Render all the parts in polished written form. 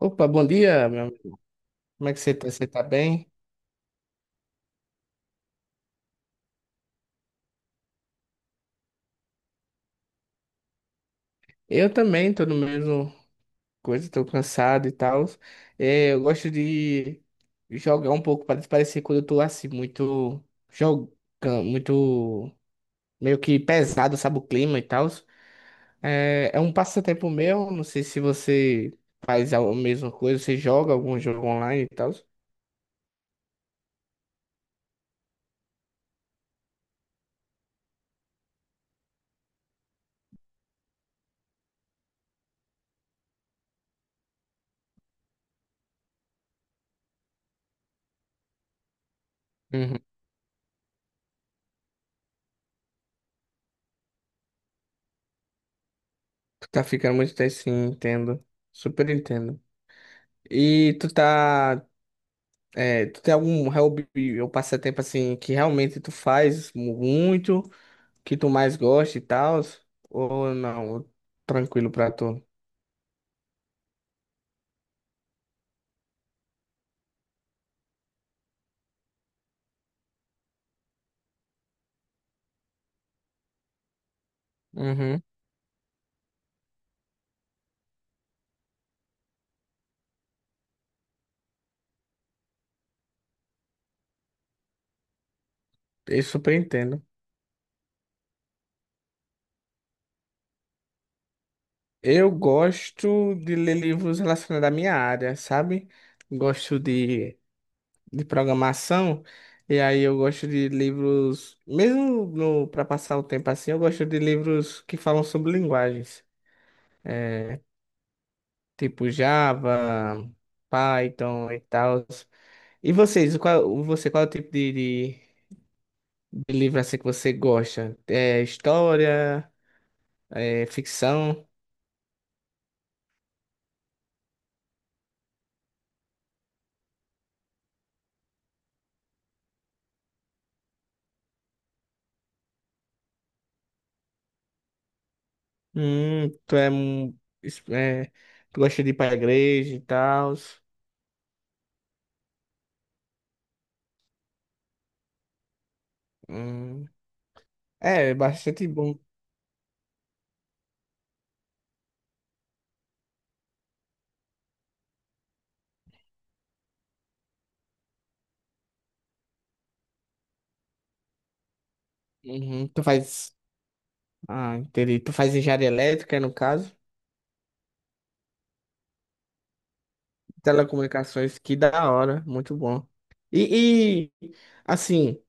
Opa, bom dia, meu amigo. Como é que você tá? Você tá bem? Eu também tô no mesmo coisa, tô cansado e tal. É, eu gosto de jogar um pouco para desaparecer quando eu tô assim, muito jogando, muito meio que pesado, sabe, o clima e tal. É, é um passatempo meu, não sei se você faz a mesma coisa, você joga algum jogo online e tal. Uhum. Tu tá ficando muito tempo, sim, entendo. Super entendo. E tu tá. É, tu tem algum hobby ou passatempo assim que realmente tu faz muito, que tu mais gosta e tal? Ou não? Tranquilo pra tu? Uhum. Eu super entendo. Eu gosto de ler livros relacionados à minha área, sabe? Gosto de programação, e aí eu gosto de livros, mesmo no, para passar o tempo assim, eu gosto de livros que falam sobre linguagens, tipo Java, Python e tal. E vocês, qual, você, qual é o tipo de livro assim que você gosta? É história? É ficção? Tu é, é, tu gosta de ir pra igreja e tal? Hum, é, é bastante bom. Uhum, tu faz, ah, entendi. Tu faz engenharia elétrica, no caso? Telecomunicações, que da hora, muito bom. E assim,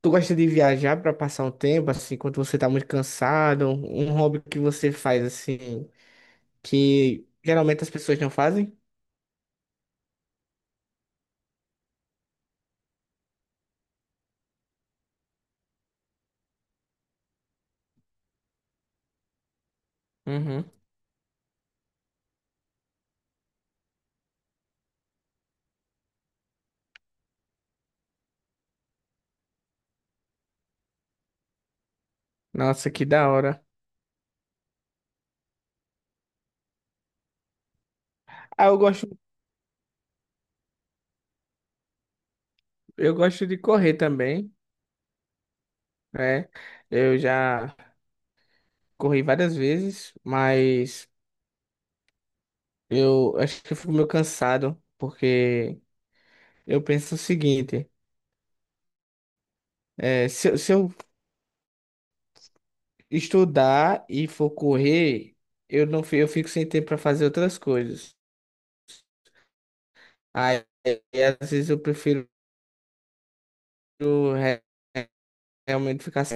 tu gosta de viajar pra passar um tempo, assim, quando você tá muito cansado? Um hobby que você faz, assim que geralmente as pessoas não fazem. Uhum. Nossa, que da hora. Ah, eu gosto de correr também, né? Eu já corri várias vezes, mas eu acho que eu fico meio cansado, porque eu penso o seguinte, é, se, se eu estudar e for correr, eu não fi- eu fico sem tempo para fazer outras coisas. Aí, às vezes eu prefiro re- realmente ficar.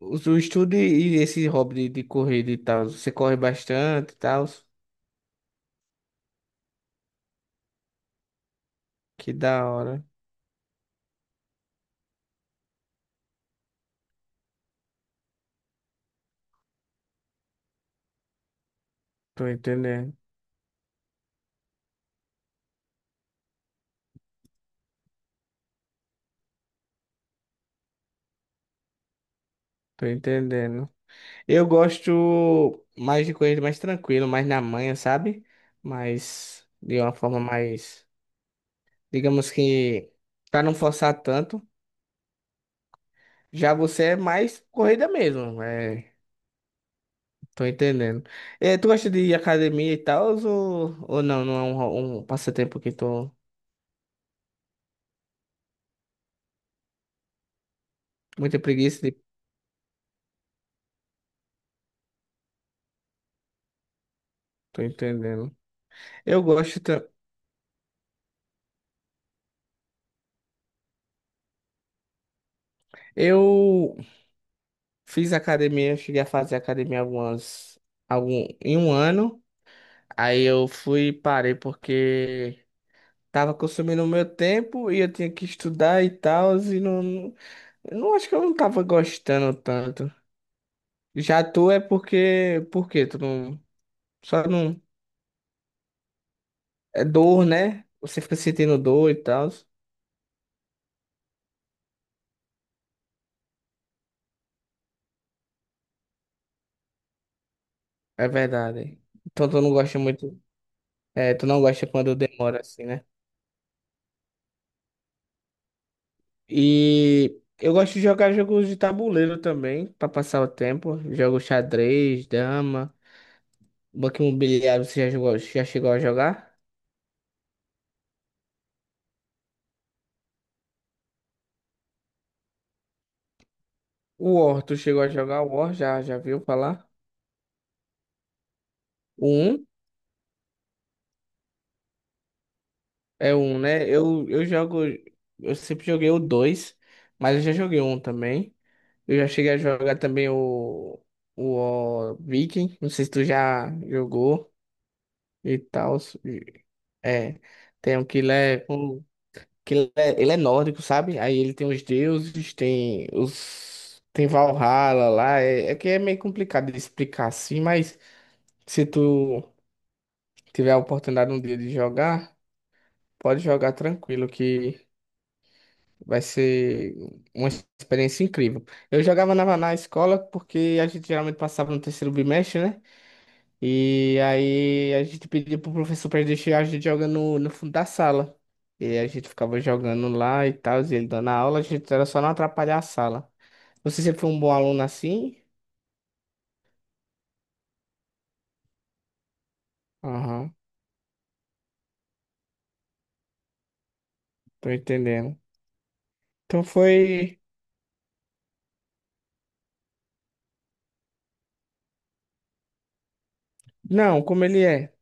O estudo e esse hobby de corrida e tal, você corre bastante e tal. Que da hora. Tô entendendo. Tô entendendo. Eu gosto mais de corrida mais tranquilo, mais na manhã, sabe? Mas de uma forma mais, digamos que pra não forçar tanto. Já você é mais corrida mesmo, é, tô entendendo. É, tu gosta de ir à academia e tal, ou não? Não é um, um passatempo que tô muito preguiça de... Tô entendendo. Eu gosto. Eu fiz academia, eu cheguei a fazer academia algumas, algum, em um ano. Aí eu fui e parei porque tava consumindo o meu tempo e eu tinha que estudar e tal, e não, não, eu não acho que eu não tava gostando tanto. Já tu é porque, porque tu não, só não, é dor, né? Você fica sentindo dor e tal. É verdade. Então tu não gosta muito, é, tu não gosta quando demora assim, né? E eu gosto de jogar jogos de tabuleiro também, pra passar o tempo. Jogo xadrez, dama, banco imobiliário, você já jogou, já chegou a jogar? O War, tu chegou a jogar o War? Já, já viu falar? O 1 é o 1, né? Eu jogo, eu sempre joguei o 2 mas eu já joguei um também. Eu já cheguei a jogar também ó, Viking, não sei se tu já jogou e tal. É, tem um que ele é nórdico, sabe? Aí ele tem os deuses, tem os tem Valhalla lá, é, é que é meio complicado de explicar assim, mas se tu tiver a oportunidade um dia de jogar, pode jogar tranquilo que vai ser uma experiência incrível. Eu jogava na escola porque a gente geralmente passava no terceiro bimestre, né? E aí a gente pediu pro professor pra deixar a gente jogando no fundo da sala. E a gente ficava jogando lá e tal, e ele dando a aula, a gente era só não atrapalhar a sala. Você sempre foi um bom aluno assim? Aham, tô entendendo. Então foi. Não, como ele é.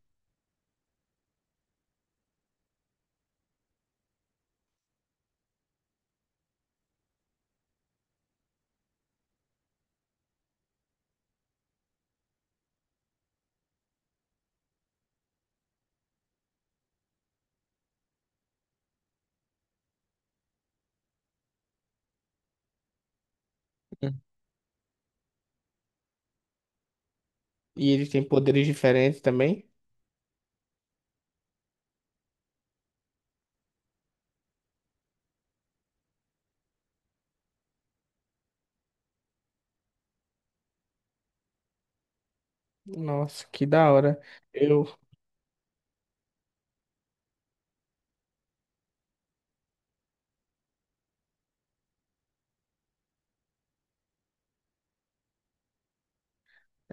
Hum. E ele tem poderes diferentes também. Nossa, que da hora. Eu,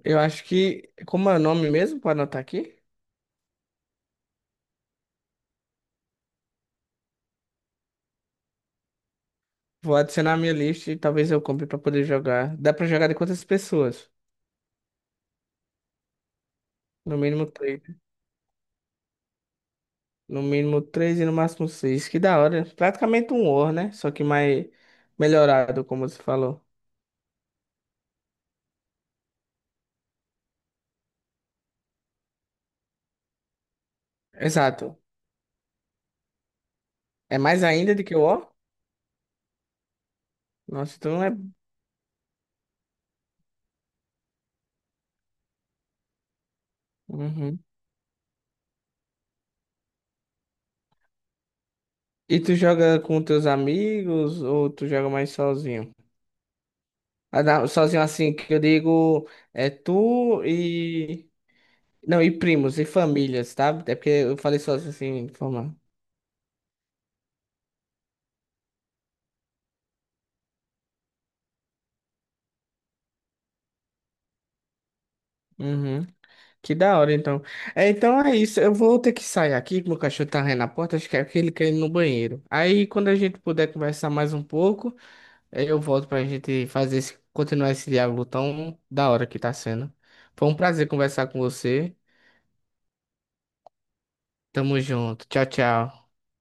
eu acho que. Como é o nome mesmo? Pode anotar aqui? Vou adicionar a minha lista e talvez eu compre pra poder jogar. Dá pra jogar de quantas pessoas? No mínimo três. No mínimo três e no máximo seis. Que da hora. Praticamente um War, né? Só que mais melhorado, como você falou. Exato. É mais ainda do que o War? Nossa, então é. Uhum. E tu joga com teus amigos ou tu joga mais sozinho? Ah, não, sozinho assim, que eu digo é tu e. Não, e primos e famílias, tá? É porque eu falei sozinho assim, de forma. Que da hora, então. É, então é isso. Eu vou ter que sair aqui, que meu cachorro tá rindo na porta. Acho que é porque ele quer ir no banheiro. Aí, quando a gente puder conversar mais um pouco, aí eu volto pra gente fazer esse, continuar esse diálogo tão da hora que tá sendo. Foi um prazer conversar com você. Tamo junto. Tchau, tchau.